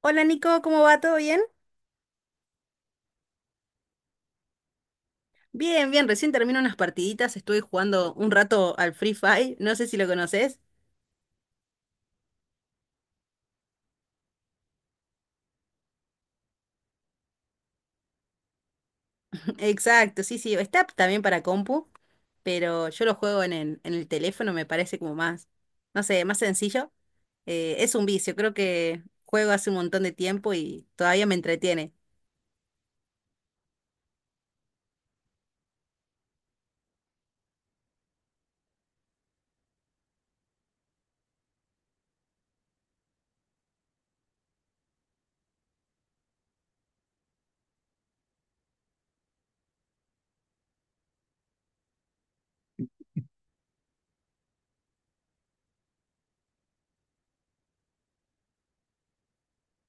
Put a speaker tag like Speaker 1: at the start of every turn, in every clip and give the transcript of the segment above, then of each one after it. Speaker 1: Hola Nico, ¿cómo va? ¿Todo bien? Bien, bien, recién termino unas partiditas, estuve jugando un rato al Free Fire, no sé si lo conoces. Exacto, sí, sí, está también para compu, pero yo lo juego en el teléfono, me parece como más, no sé, más sencillo. Es un vicio, creo que juego hace un montón de tiempo y todavía me entretiene.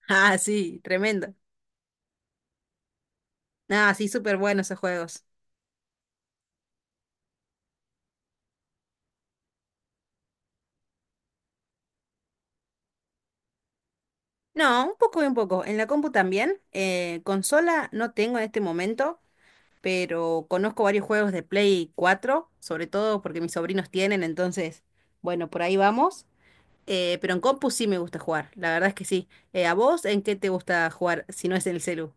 Speaker 1: Ah, sí, tremendo. Ah, sí, súper buenos esos juegos. No, un poco y un poco. En la compu también. Consola no tengo en este momento, pero conozco varios juegos de Play 4 sobre todo porque mis sobrinos tienen, entonces, bueno, por ahí vamos. Pero en compu sí me gusta jugar, la verdad es que sí. ¿A vos en qué te gusta jugar si no es en el celu?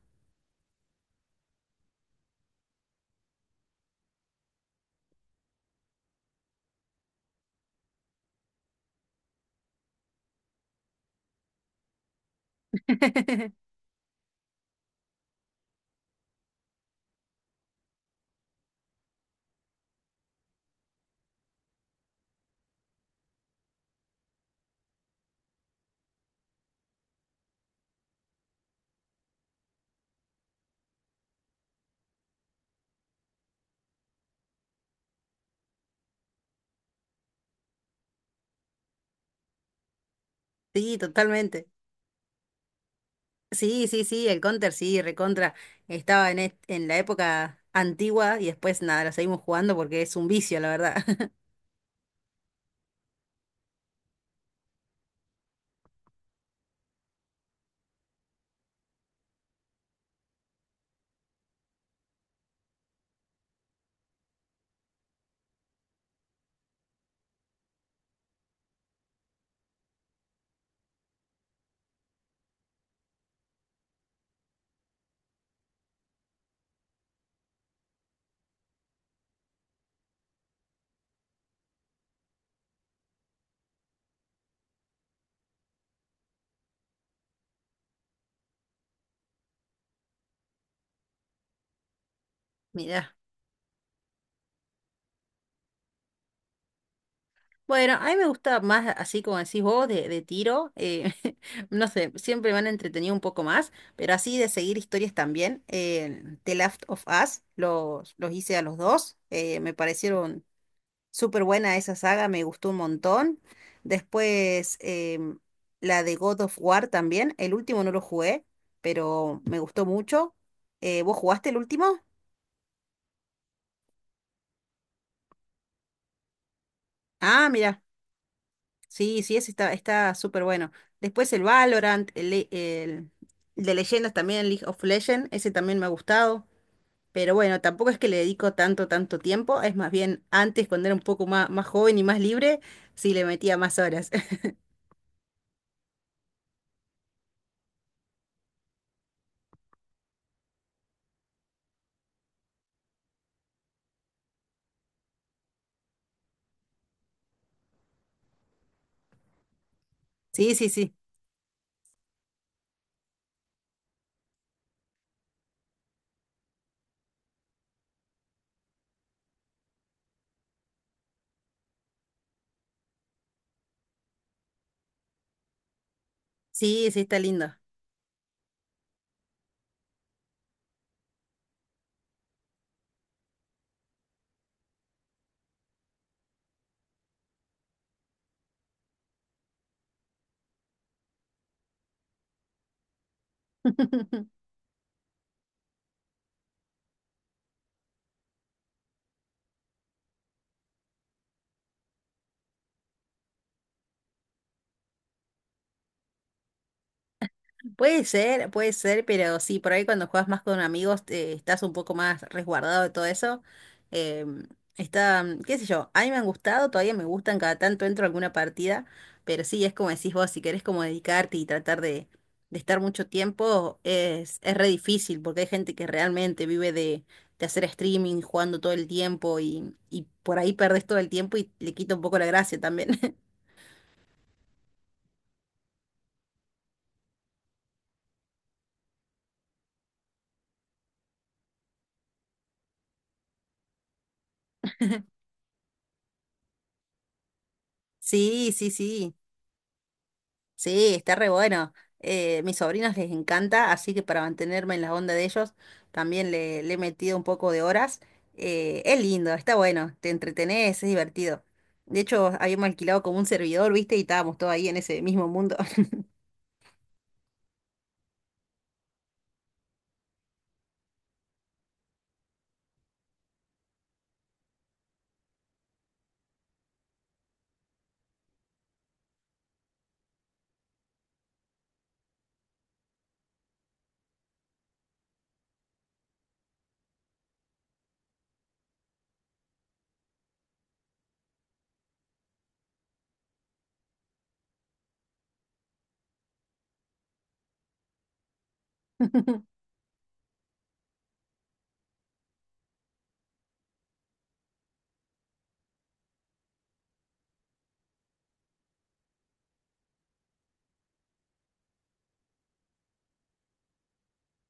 Speaker 1: Sí, totalmente. Sí, sí, sí, el Counter, sí, recontra. Estaba en, en la época antigua y después nada, la seguimos jugando porque es un vicio, la verdad. Mirá. Bueno, a mí me gusta más, así como decís vos, de tiro. No sé, siempre me han entretenido un poco más, pero así de seguir historias también. The Last of Us, los hice a los dos. Me parecieron súper buena esa saga, me gustó un montón. Después, la de God of War también. El último no lo jugué, pero me gustó mucho. ¿Vos jugaste el último? Ah, mira. Sí, sí, ese está, está súper bueno. Después el Valorant, el de leyendas también, el League of Legends, ese también me ha gustado. Pero bueno, tampoco es que le dedico tanto, tanto tiempo. Es más bien antes, cuando era un poco más, más joven y más libre, sí le metía más horas. Sí, sí, sí. Sí, sí, está lindo. Puede ser, pero sí, por ahí cuando juegas más con amigos estás un poco más resguardado de todo eso. Em, está, mm, qué sé yo, a mí me han gustado, todavía me gustan, cada tanto entro a alguna partida, pero sí, es como decís vos, si querés como dedicarte y tratar de estar mucho tiempo, es re difícil, porque hay gente que realmente vive de hacer streaming, jugando todo el tiempo y por ahí perdés todo el tiempo y le quita un poco la gracia también. Sí, sí, sí. Sí, está re bueno. Mis sobrinos les encanta, así que para mantenerme en la onda de ellos también le he metido un poco de horas. Es lindo, está bueno, te entretenés, es divertido. De hecho, habíamos alquilado como un servidor, ¿viste? Y estábamos todos ahí en ese mismo mundo.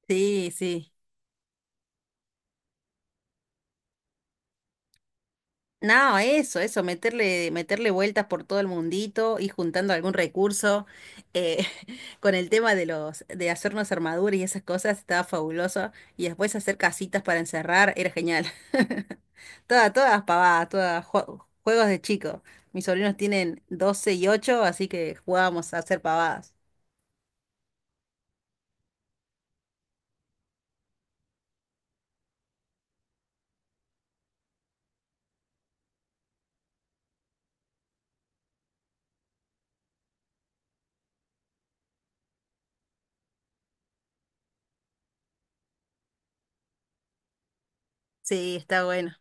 Speaker 1: Sí, sí. No, eso, meterle vueltas por todo el mundito, ir juntando algún recurso. eh, con el tema de los, de hacernos armaduras y esas cosas, estaba fabuloso. Y después hacer casitas para encerrar, era genial. Todas, todas pavadas, juegos de chico. Mis sobrinos tienen 12 y 8, así que jugábamos a hacer pavadas. Sí, está bueno.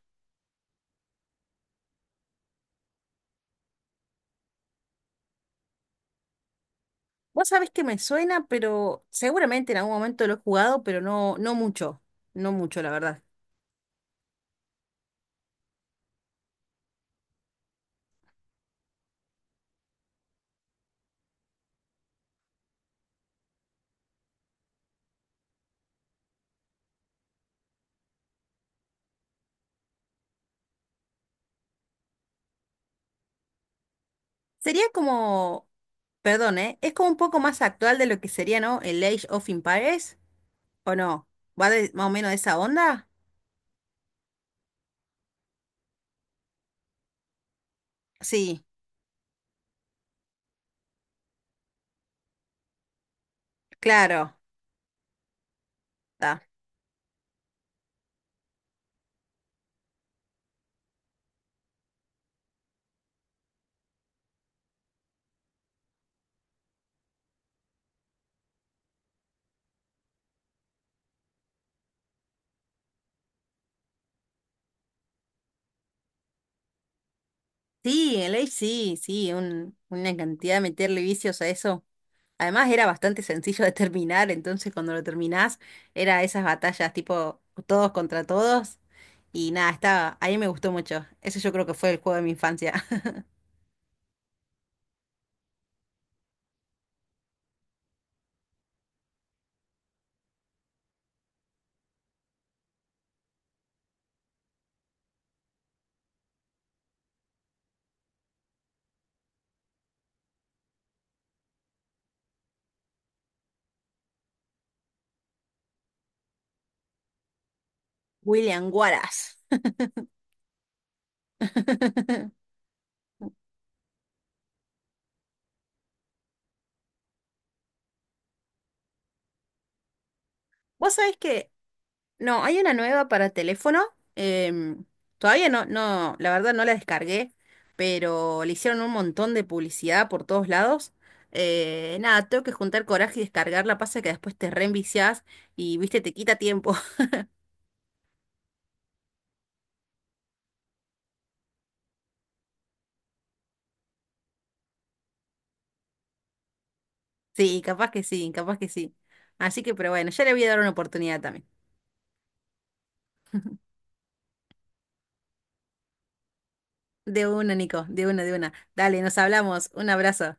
Speaker 1: Vos sabés que me suena, pero seguramente en algún momento lo he jugado, pero no, no mucho. No mucho, la verdad. Sería como, perdón, ¿eh? Es como un poco más actual de lo que sería, ¿no? El Age of Empires, ¿o no? ¿Va más o menos de esa onda? Sí, claro. Ta. Sí, el Age sí, sí, una cantidad de meterle vicios a eso. Además era bastante sencillo de terminar, entonces cuando lo terminás era esas batallas tipo todos contra todos. Y nada, estaba, a mí me gustó mucho. Ese yo creo que fue el juego de mi infancia. William Wallace. Vos sabés que no, hay una nueva para teléfono. em, todavía no, no, la verdad no la descargué, pero le hicieron un montón de publicidad por todos lados. Nada, tengo que juntar coraje y descargarla. Pasa que después te reenviciás y, viste, te quita tiempo. Sí, capaz que sí, capaz que sí. Así que, pero bueno, ya le voy a dar una oportunidad también. De una, Nico, de una, de una. Dale, nos hablamos. Un abrazo.